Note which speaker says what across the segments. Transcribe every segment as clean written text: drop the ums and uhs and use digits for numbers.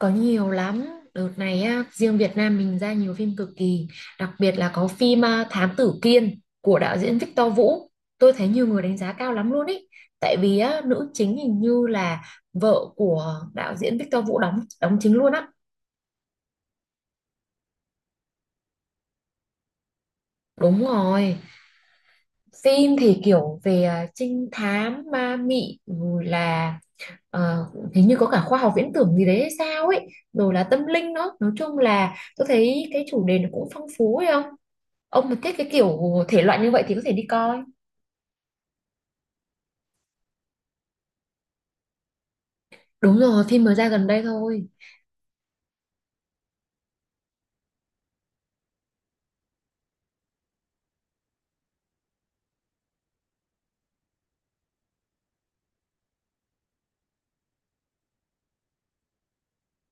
Speaker 1: Có nhiều lắm. Đợt này á, riêng Việt Nam mình ra nhiều phim cực kỳ. Đặc biệt là có phim Thám Tử Kiên của đạo diễn Victor Vũ. Tôi thấy nhiều người đánh giá cao lắm luôn ý. Tại vì á, nữ chính hình như là vợ của đạo diễn Victor Vũ đóng đóng chính luôn á. Đúng rồi. Phim thì kiểu về trinh thám, ma mị, rồi là ờ, hình như có cả khoa học viễn tưởng gì đấy hay sao ấy. Rồi là tâm linh nữa. Nói chung là tôi thấy cái chủ đề nó cũng phong phú ấy không? Ông mà thích cái kiểu thể loại như vậy thì có thể đi coi. Đúng rồi, phim mới ra gần đây thôi.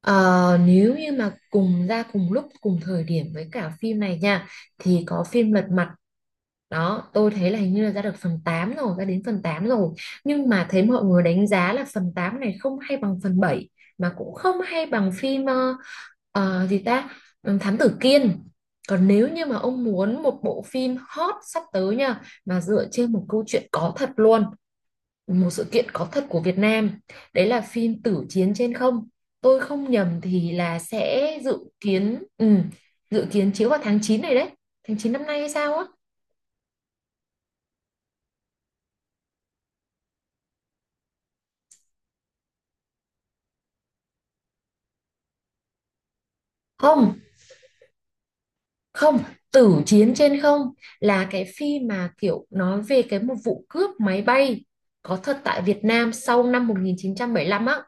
Speaker 1: Ờ, nếu như mà cùng ra cùng lúc, cùng thời điểm với cả phim này nha, thì có phim Lật Mặt. Đó, tôi thấy là hình như là ra được phần 8 rồi, ra đến phần 8 rồi. Nhưng mà thấy mọi người đánh giá là phần 8 này không hay bằng phần 7, mà cũng không hay bằng phim gì ta, Ừ, Thám Tử Kiên. Còn nếu như mà ông muốn một bộ phim hot sắp tới nha, mà dựa trên một câu chuyện có thật luôn, một sự kiện có thật của Việt Nam, đấy là phim Tử Chiến Trên Không. Tôi không nhầm thì là sẽ dự kiến, dự kiến chiếu vào tháng 9 này đấy, tháng 9 năm nay hay sao á. Không, không, Tử Chiến Trên Không là cái phim mà kiểu nói về cái một vụ cướp máy bay có thật tại Việt Nam sau năm 1975 á.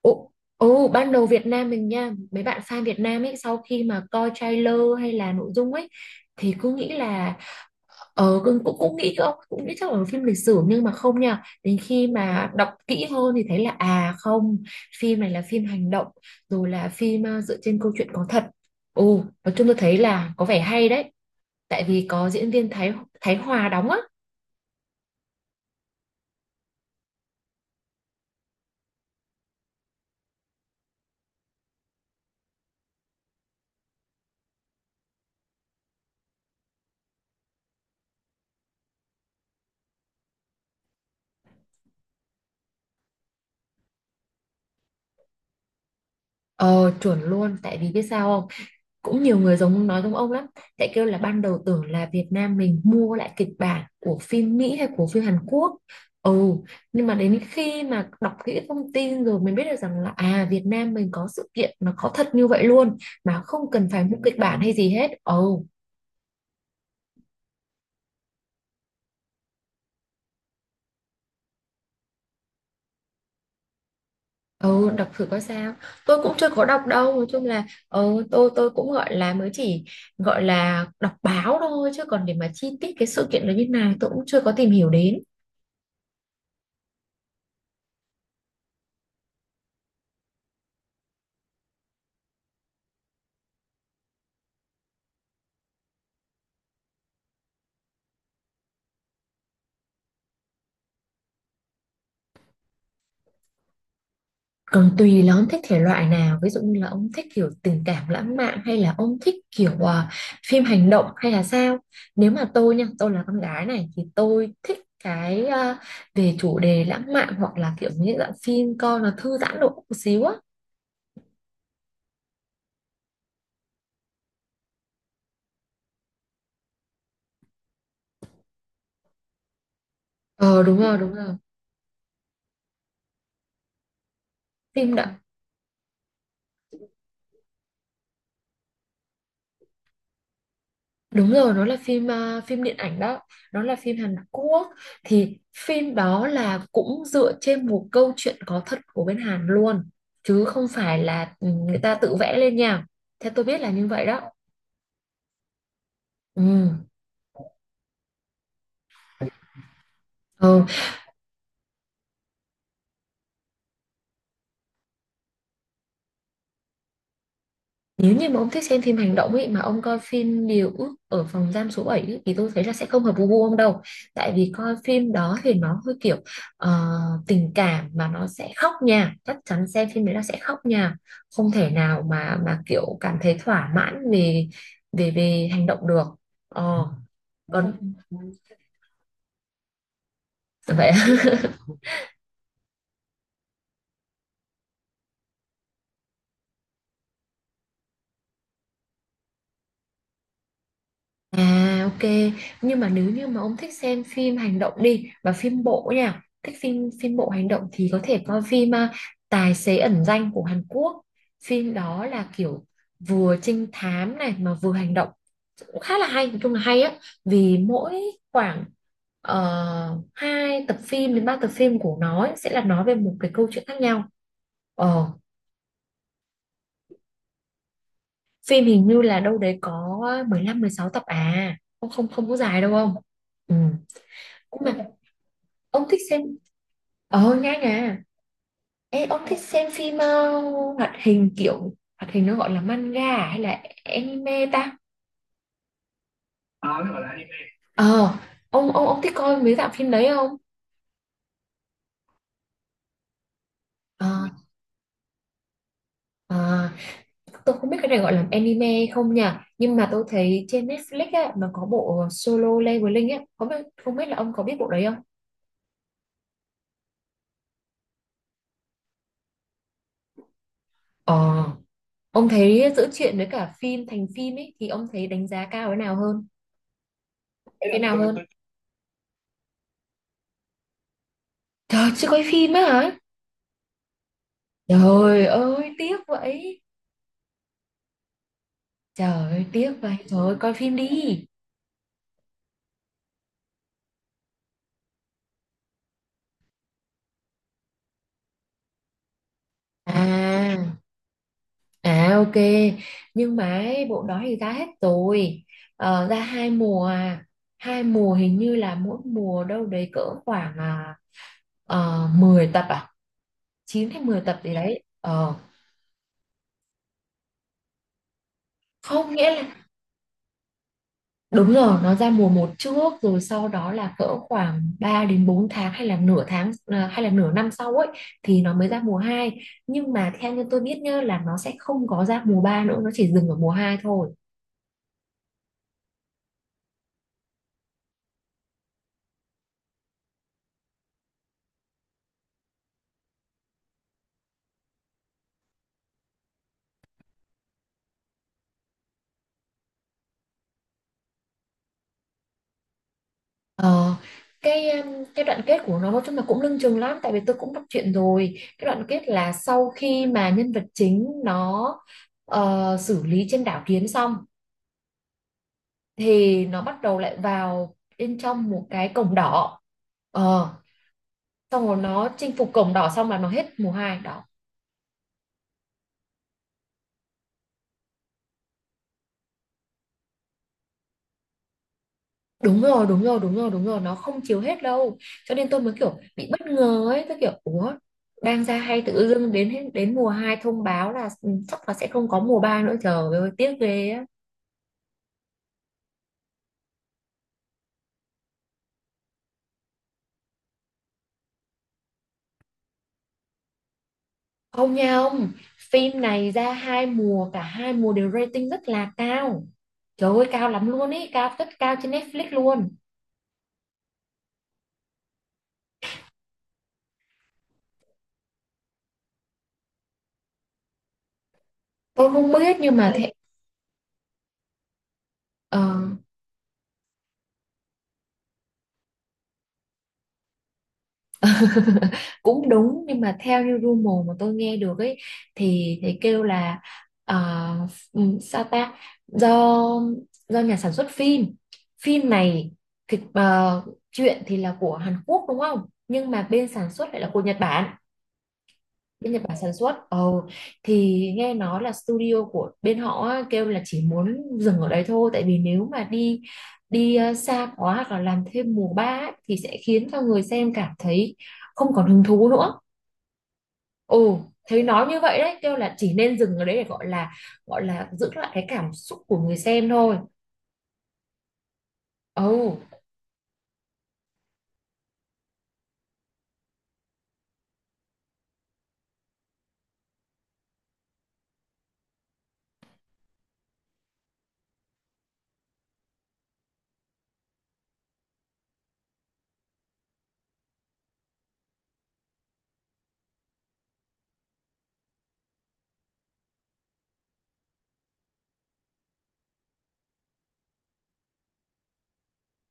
Speaker 1: Ồ, ồ, ban đầu Việt Nam mình nha, mấy bạn fan Việt Nam ấy sau khi mà coi trailer hay là nội dung ấy thì cứ nghĩ là, ờ, cũng, cũng cũng nghĩ, không cũng nghĩ chắc là phim lịch sử, nhưng mà không nha, đến khi mà đọc kỹ hơn thì thấy là à không, phim này là phim hành động, rồi là phim dựa trên câu chuyện có thật. Ồ nói chung tôi thấy là có vẻ hay đấy, tại vì có diễn viên Thái Thái Hòa đóng á. Ờ chuẩn luôn, tại vì biết sao không, cũng nhiều người giống nói giống ông lắm, tại kêu là ban đầu tưởng là Việt Nam mình mua lại kịch bản của phim Mỹ hay của phim Hàn Quốc. Ừ, nhưng mà đến khi mà đọc kỹ thông tin rồi mình biết được rằng là à, Việt Nam mình có sự kiện nó có thật như vậy luôn mà không cần phải mua kịch bản hay gì hết. Ừ, ừ, đọc thử coi sao. Tôi cũng chưa có đọc đâu, nói chung là ừ, tôi cũng gọi là mới chỉ gọi là đọc báo thôi, chứ còn để mà chi tiết cái sự kiện nó như nào tôi cũng chưa có tìm hiểu đến. Còn tùy là ông thích thể loại nào, ví dụ như là ông thích kiểu tình cảm lãng mạn hay là ông thích kiểu phim hành động hay là sao. Nếu mà tôi nha, tôi là con gái này thì tôi thích cái về chủ đề lãng mạn, hoặc là kiểu như dạng phim coi nó thư giãn độ một xíu á. Ờ đúng rồi, đúng rồi, phim đó. Đúng rồi, nó là phim phim điện ảnh đó, nó là phim Hàn Quốc. Thì phim đó là cũng dựa trên một câu chuyện có thật của bên Hàn luôn, chứ không phải là ừ, người ta tự vẽ lên nha. Theo tôi biết là như vậy đó. Ừ. Ừ. Nếu như mà ông thích xem phim hành động ấy mà ông coi phim Điều ước ở phòng giam số 7 ấy, thì tôi thấy là sẽ không hợp với gu ông đâu. Tại vì coi phim đó thì nó hơi kiểu ờ, tình cảm mà nó sẽ khóc nha. Chắc chắn xem phim đấy là sẽ khóc nha. Không thể nào mà kiểu cảm thấy thỏa mãn về về về hành động được. Ờ, còn vậy À ok, nhưng mà nếu như mà ông thích xem phim hành động đi và phim bộ nha, thích phim phim bộ hành động thì có thể coi phim Tài xế ẩn danh của Hàn Quốc. Phim đó là kiểu vừa trinh thám này mà vừa hành động. Cũng khá là hay, nói chung là hay á, vì mỗi khoảng 2 tập phim đến 3 tập phim của nó ấy, sẽ là nói về một cái câu chuyện khác nhau. Ờ, phim hình như là đâu đấy có mười lăm mười sáu tập à. Không không, không có dài đâu không? Ừ. Ủa mà ông thích xem ờ nghe à Ê, ông thích xem phim hoạt hình, kiểu hoạt hình nó gọi là manga à hay là anime ta? Ờ, nó gọi là anime. Ờ, ông thích coi mấy dạng phim đấy không? ờ ờ, tôi không biết cái này gọi là anime không nhỉ, nhưng mà tôi thấy trên Netflix á nó có bộ Solo Leveling á, không biết, không biết là ông có biết bộ đấy không. Ờ, ông thấy giữa truyện với cả phim thành phim ấy thì ông thấy đánh giá cao cái nào hơn, cái nào hơn? Trời chưa coi phim á hả? Trời ơi tiếc vậy. Trời ơi tiếc vậy. Trời ơi coi phim đi. À, à ok. Nhưng mà ấy, bộ đó thì ra hết rồi. Ờ, ra hai mùa à. Hai mùa hình như là mỗi mùa đâu đấy cỡ khoảng 10 tập à, 9 hay mười tập gì đấy ờ, không nghĩa là, đúng rồi, nó ra mùa một trước, rồi sau đó là cỡ khoảng 3 đến 4 tháng hay là nửa tháng à, hay là nửa năm sau ấy, thì nó mới ra mùa hai. Nhưng mà theo như tôi biết nhá là nó sẽ không có ra mùa 3 nữa, nó chỉ dừng ở mùa hai thôi. Ờ, cái đoạn kết của nó nói chung là cũng lưng chừng lắm, tại vì tôi cũng đọc truyện rồi. Cái đoạn kết là sau khi mà nhân vật chính nó xử lý trên đảo Kiến xong thì nó bắt đầu lại vào bên trong một cái cổng đỏ. Ờ xong rồi nó chinh phục cổng đỏ xong là nó hết mùa hai đó. Đúng rồi, đúng rồi, đúng rồi, đúng rồi, nó không chiếu hết đâu, cho nên tôi mới kiểu bị bất ngờ ấy, tôi kiểu ủa đang ra hay tự dưng đến hết- đến mùa 2 thông báo là ừ, chắc là sẽ không có mùa 3 nữa, trời ơi tiếc ghê á. Không nha ông, phim này ra hai mùa, cả hai mùa đều rating rất là cao, trời ơi cao lắm luôn ấy, cao rất cao trên Netflix luôn. Tôi không biết nhưng mà thế. Ờ cũng đúng nhưng mà theo như rumor mà tôi nghe được ấy, thì kêu là ờ, sao ta, do do nhà sản xuất phim, phim này thì chuyện thì là của Hàn Quốc đúng không, nhưng mà bên sản xuất lại là của Nhật Bản. Bên Nhật Bản sản xuất ồ, thì nghe nói là studio của bên họ á, kêu là chỉ muốn dừng ở đấy thôi, tại vì nếu mà đi đi xa quá hoặc là làm thêm mùa ba ấy, thì sẽ khiến cho người xem cảm thấy không còn hứng thú nữa. Ồ, thấy nói như vậy đấy, kêu là chỉ nên dừng ở đấy để gọi là giữ lại cái cảm xúc của người xem thôi. Ồ,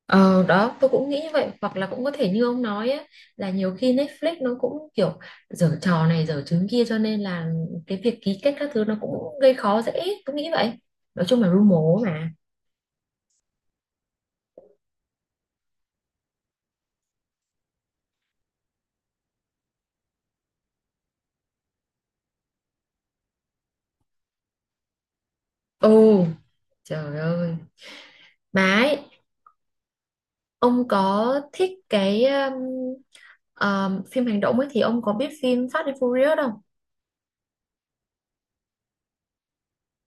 Speaker 1: ờ, đó, tôi cũng nghĩ như vậy, hoặc là cũng có thể như ông nói á, là nhiều khi Netflix nó cũng kiểu giở trò này giở trứng kia, cho nên là cái việc ký kết các thứ nó cũng gây khó dễ, tôi nghĩ vậy. Nói chung là lu mố mà. Ồ, trời ơi. Mà ấy, ông có thích cái phim hành động ấy thì ông có biết phim Fast and Furious không?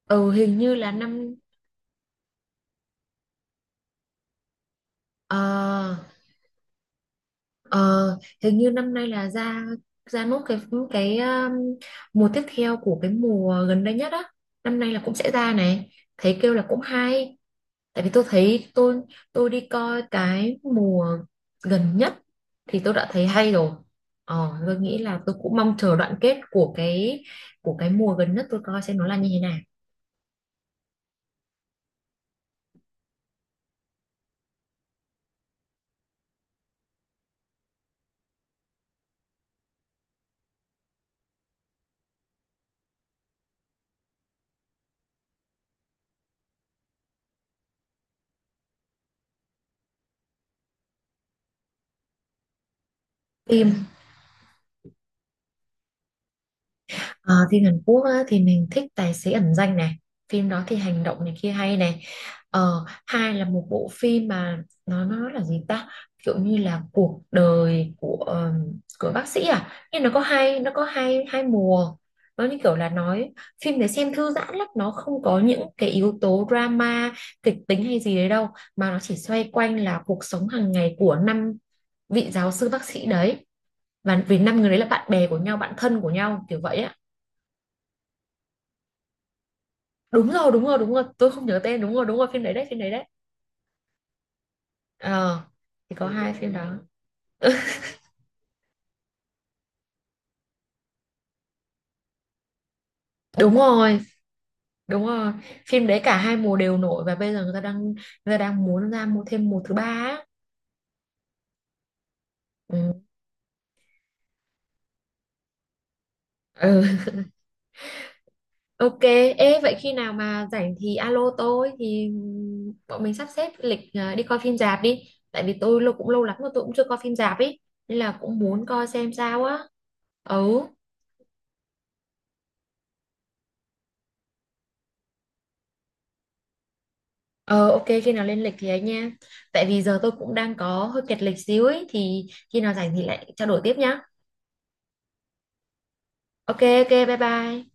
Speaker 1: Ừ, hình như là năm. Ờ, ờ, hình như năm nay là ra ra nốt cái mùa tiếp theo của cái mùa gần đây nhất á, năm nay là cũng sẽ ra này. Thấy kêu là cũng hay, tại vì tôi thấy tôi đi coi cái mùa gần nhất thì tôi đã thấy hay rồi. Ờ, tôi nghĩ là tôi cũng mong chờ đoạn kết của cái, của cái mùa gần nhất tôi coi xem nó là như thế nào. Thì, ờ, phim Hàn Quốc á, thì mình thích Tài xế ẩn danh này, phim đó thì hành động này kia hay này. Ờ, hai là một bộ phim mà nó là gì ta, kiểu như là cuộc đời của của bác sĩ à, nhưng nó có hai, nó có hai hai mùa. Nó như kiểu là nói, phim để xem thư giãn lắm, nó không có những cái yếu tố drama kịch tính hay gì đấy đâu, mà nó chỉ xoay quanh là cuộc sống hàng ngày của năm vị giáo sư bác sĩ đấy, và vì năm người đấy là bạn bè của nhau, bạn thân của nhau kiểu vậy á. Đúng rồi, đúng rồi, đúng rồi, tôi không nhớ tên, đúng rồi, đúng rồi, phim đấy đấy, phim đấy đấy. Ờ thì có hai phim đó. Đúng rồi, đúng rồi, phim đấy cả hai mùa đều nổi, và bây giờ người ta đang muốn ra mua thêm mùa thứ ba á. Ừ. Ừ. Ok. Ê vậy khi nào mà rảnh thì alo tôi, thì bọn mình sắp xếp lịch đi coi phim rạp đi, tại vì tôi lâu cũng lâu lắm rồi tôi cũng chưa coi phim rạp ấy, nên là cũng muốn coi xem sao á. Ừ. Ờ ok, khi nào lên lịch thì ấy nha. Tại vì giờ tôi cũng đang có hơi kẹt lịch xíu ấy. Thì khi nào rảnh thì lại trao đổi tiếp nhá. Ok ok bye bye.